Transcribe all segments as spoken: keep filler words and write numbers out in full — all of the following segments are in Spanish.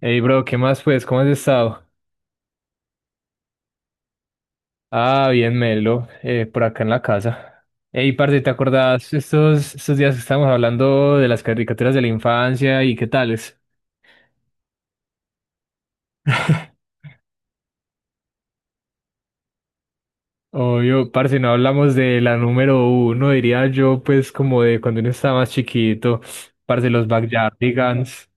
Hey, bro, ¿qué más pues? ¿Cómo has estado? Ah, bien, Melo, eh, por acá en la casa. Hey, parce, ¿te acordás estos, estos días que estábamos hablando de las caricaturas de la infancia y qué tales? Obvio, parce, no hablamos de la número uno, diría yo, pues como de cuando uno estaba más chiquito, parce, los Backyardigans.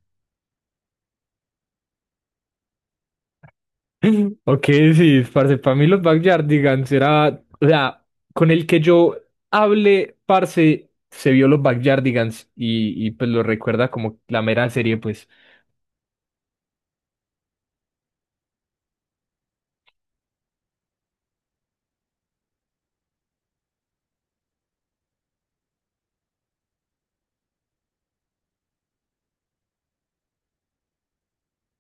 Ok, sí, parce, para mí los Backyardigans era, o sea, con el que yo hable, parce, se vio los Backyardigans y, y pues lo recuerda como la mera serie, pues.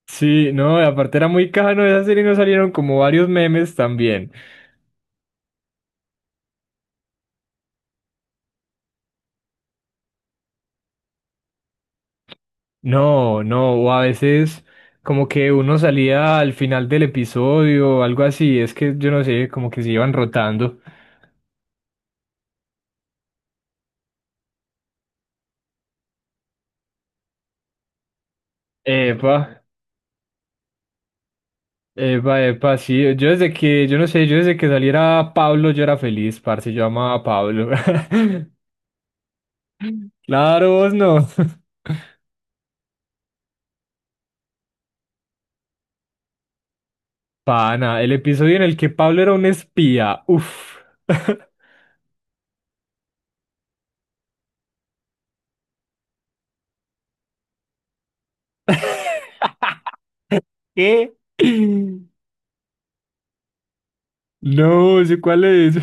Sí, no, y aparte era muy cajano esa serie, nos salieron como varios memes también. No, no, o a veces como que uno salía al final del episodio o algo así, es que yo no sé, como que se iban rotando. Epa. Epa, epa, sí, yo desde que, yo no sé, yo desde que saliera Pablo yo era feliz, parce, yo amaba a Pablo. Claro, vos no. Pana, el episodio en el que Pablo era un espía. Uf. ¿Qué? No, sé cuál es.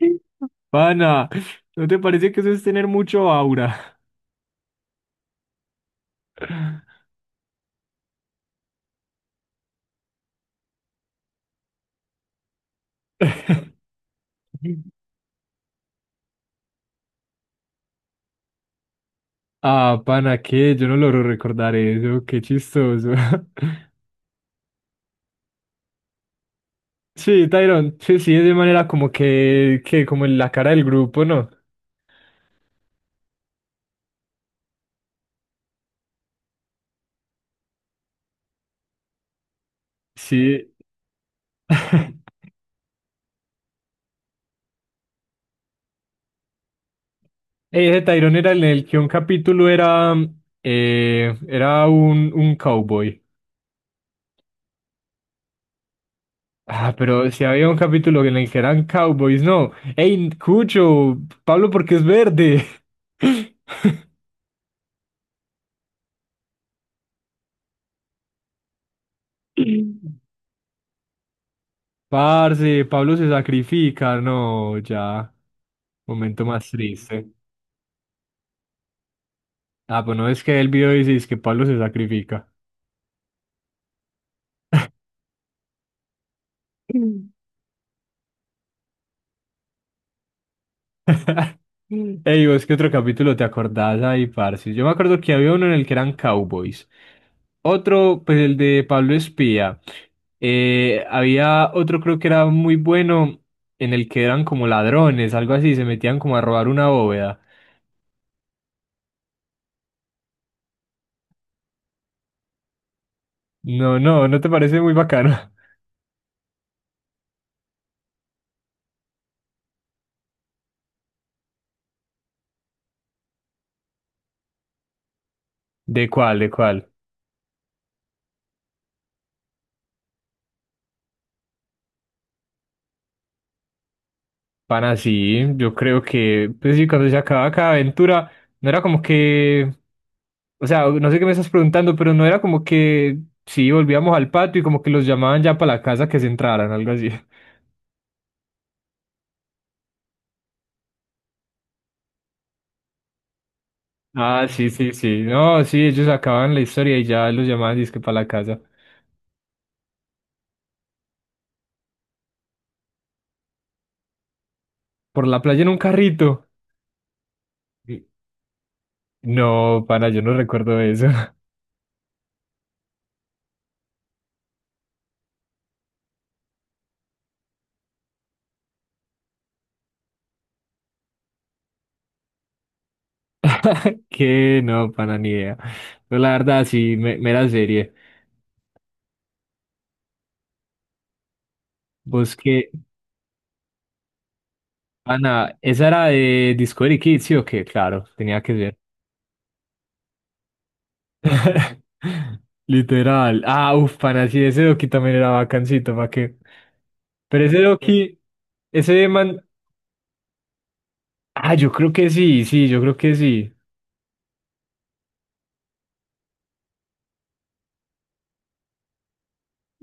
Pana, ¿no te parece que eso es tener mucho aura? Ah, pana, ¿qué? Yo no logro recordar eso, qué chistoso. Sí, Tyron, sí, sí, es de manera como que, que como en la cara del grupo, ¿no? Sí. Ese Tyrone era en el que un capítulo era, mm, eh, era un, un cowboy. Ah, pero si había un capítulo en el que eran cowboys, no. Ey, Cucho, Pablo porque es verde. Parce, Pablo se sacrifica, no, ya. Momento más triste. Ah, pues no es que el video dice es que Pablo se sacrifica. Ey, vos, ¿qué otro capítulo te acordás ahí, parce? Yo me acuerdo que había uno en el que eran cowboys. Otro, pues el de Pablo Espía. Eh, había otro, creo que era muy bueno, en el que eran como ladrones, algo así, se metían como a robar una bóveda. No, no, ¿no te parece muy bacano? ¿De cuál, de cuál? Pana, sí, yo creo que, pues sí, cuando se acababa cada aventura, no era como que, o sea, no sé qué me estás preguntando, pero no era como que, sí, volvíamos al patio y como que los llamaban ya para la casa que se entraran, algo así. Ah, sí, sí, sí, no, sí, ellos acababan la historia y ya los llamaban disque para la casa. Por la playa en un carrito. Y- No, pana, yo no recuerdo eso. Que no, pana, ni idea. Pero la verdad, sí, me, mera serie. ¿Vos qué, Ana, esa era de Discovery Kids, ¿sí o qué? Claro, tenía que ser. Literal. Ah, uff, pana, sí, ese Doki también era bacancito, ¿para qué? Pero ese Doki, ese man. Ah, yo creo que sí, sí, yo creo que sí.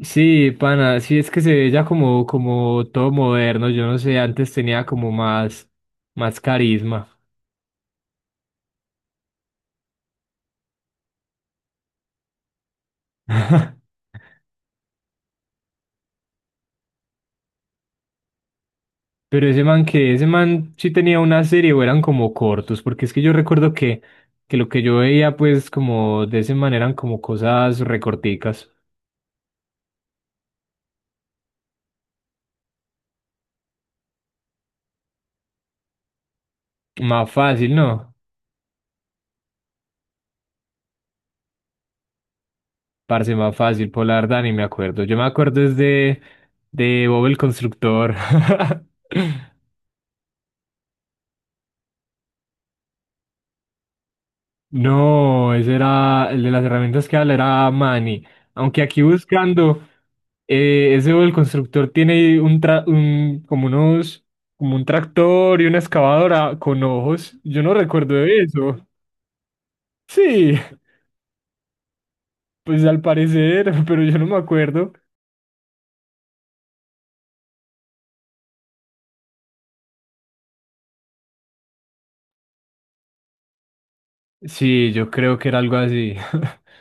Sí, pana, sí, es que se ve ya como, como todo moderno, yo no sé, antes tenía como más, más carisma. Pero ese man que, ese man sí tenía una serie o eran como cortos, porque es que yo recuerdo que, que lo que yo veía pues como de ese man eran como cosas recorticas. Más fácil, ¿no? Parce, más fácil, por la verdad ni me acuerdo. Yo me acuerdo es de, de Bob el Constructor. No, ese era el de las herramientas que habla, era Manny. Aunque aquí buscando, eh, ese el constructor tiene un, tra- un como unos, como un tractor y una excavadora con ojos. Yo no recuerdo de eso. Sí, pues al parecer, pero yo no me acuerdo. Sí, yo creo que era algo así.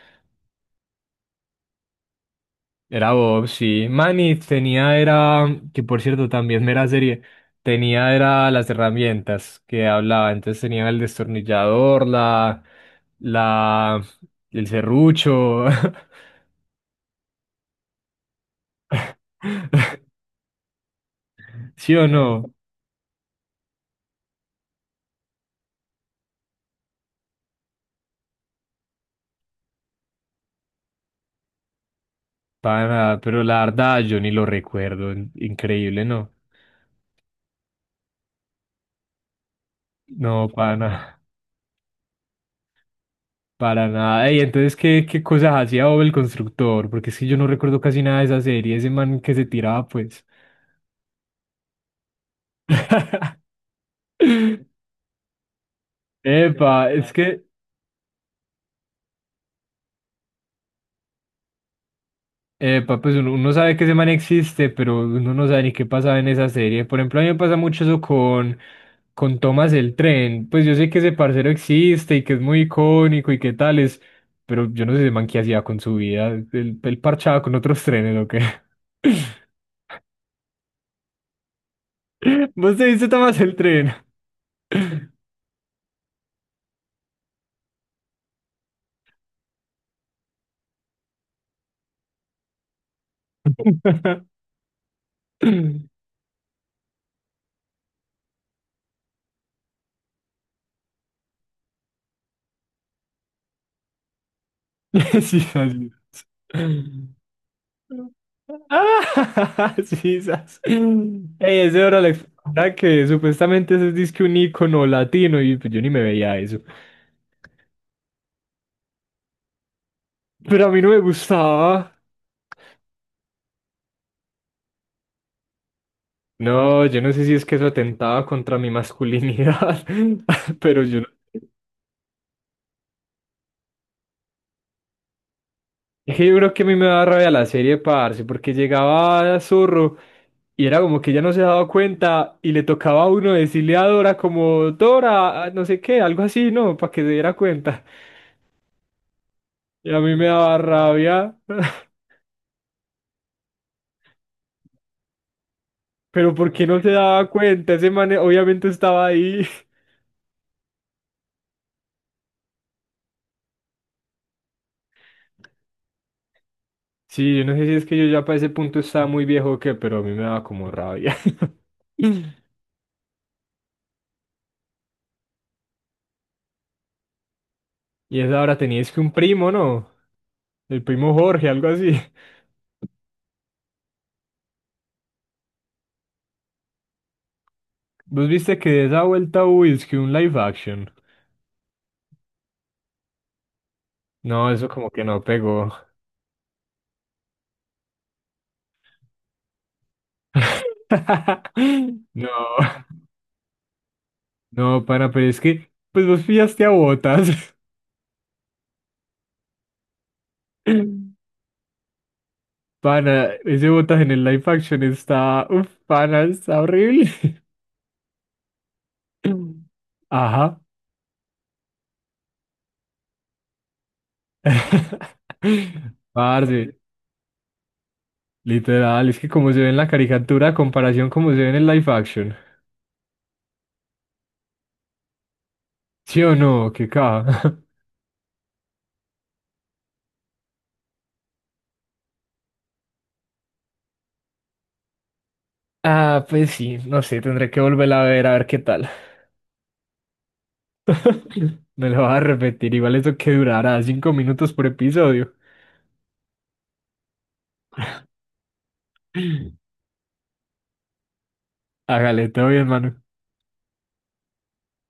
Era Bob, sí. Manny tenía, era, que por cierto también era serie, tenía, era las herramientas que hablaba. Entonces tenía el destornillador, la, la, el serrucho. ¿Sí o no? Para nada, pero la verdad yo ni lo recuerdo. in- Increíble, ¿no? No, para nada. Para nada. Ey, entonces, ¿qué, qué cosas hacía Bob el constructor? Porque es que yo no recuerdo casi nada de esa serie, ese man que se tiraba, pues. Epa, es que Epa, pues uno, uno sabe que ese man existe, pero uno no sabe ni qué pasaba en esa serie. Por ejemplo, a mí me pasa mucho eso con, con Thomas el Tren. Pues yo sé que ese parcero existe y que es muy icónico y qué tales, pero yo no sé ese man qué hacía con su vida. Él, él parchaba con otros trenes o qué. ¿Vos te viste Thomas el Tren? Sí, así es. Ah, sí, sas. Ey, ese era la verdad que supuestamente ese es disque un icono latino y pues yo ni me veía eso. Pero a mí no me gustaba. No, yo no sé si es que eso atentaba contra mi masculinidad, pero yo no. Es que yo creo que a mí me daba rabia la serie, parce, porque llegaba Zorro y era como que ya no se daba cuenta y le tocaba a uno decirle a Dora como, Dora, ah, no sé qué, algo así, ¿no? Para que se diera cuenta. Y a mí me daba rabia, pero ¿por qué no se daba cuenta? Ese man eh, obviamente estaba ahí. Sí, yo no sé si es que yo ya para ese punto estaba muy viejo o qué, pero a mí me daba como rabia. Y esa hora teníais que un primo, ¿no? El primo Jorge, algo así. ¿Vos viste que de esa vuelta hubo es que un live action? No, eso como que no pegó. No, no, pana, pero es que, pues vos pillaste a Botas. Pana, ese botas en el live action está. Uf, pana, está horrible. Ajá. Parce, literal, es que como se ve en la caricatura, a comparación como se ve en el live action. ¿Sí o no? ¿Qué caja? Ah, pues sí, no sé, tendré que volverla a ver, a ver qué tal. Me lo vas a repetir, igual eso que durará cinco minutos por episodio. Hágale, todo bien, mano.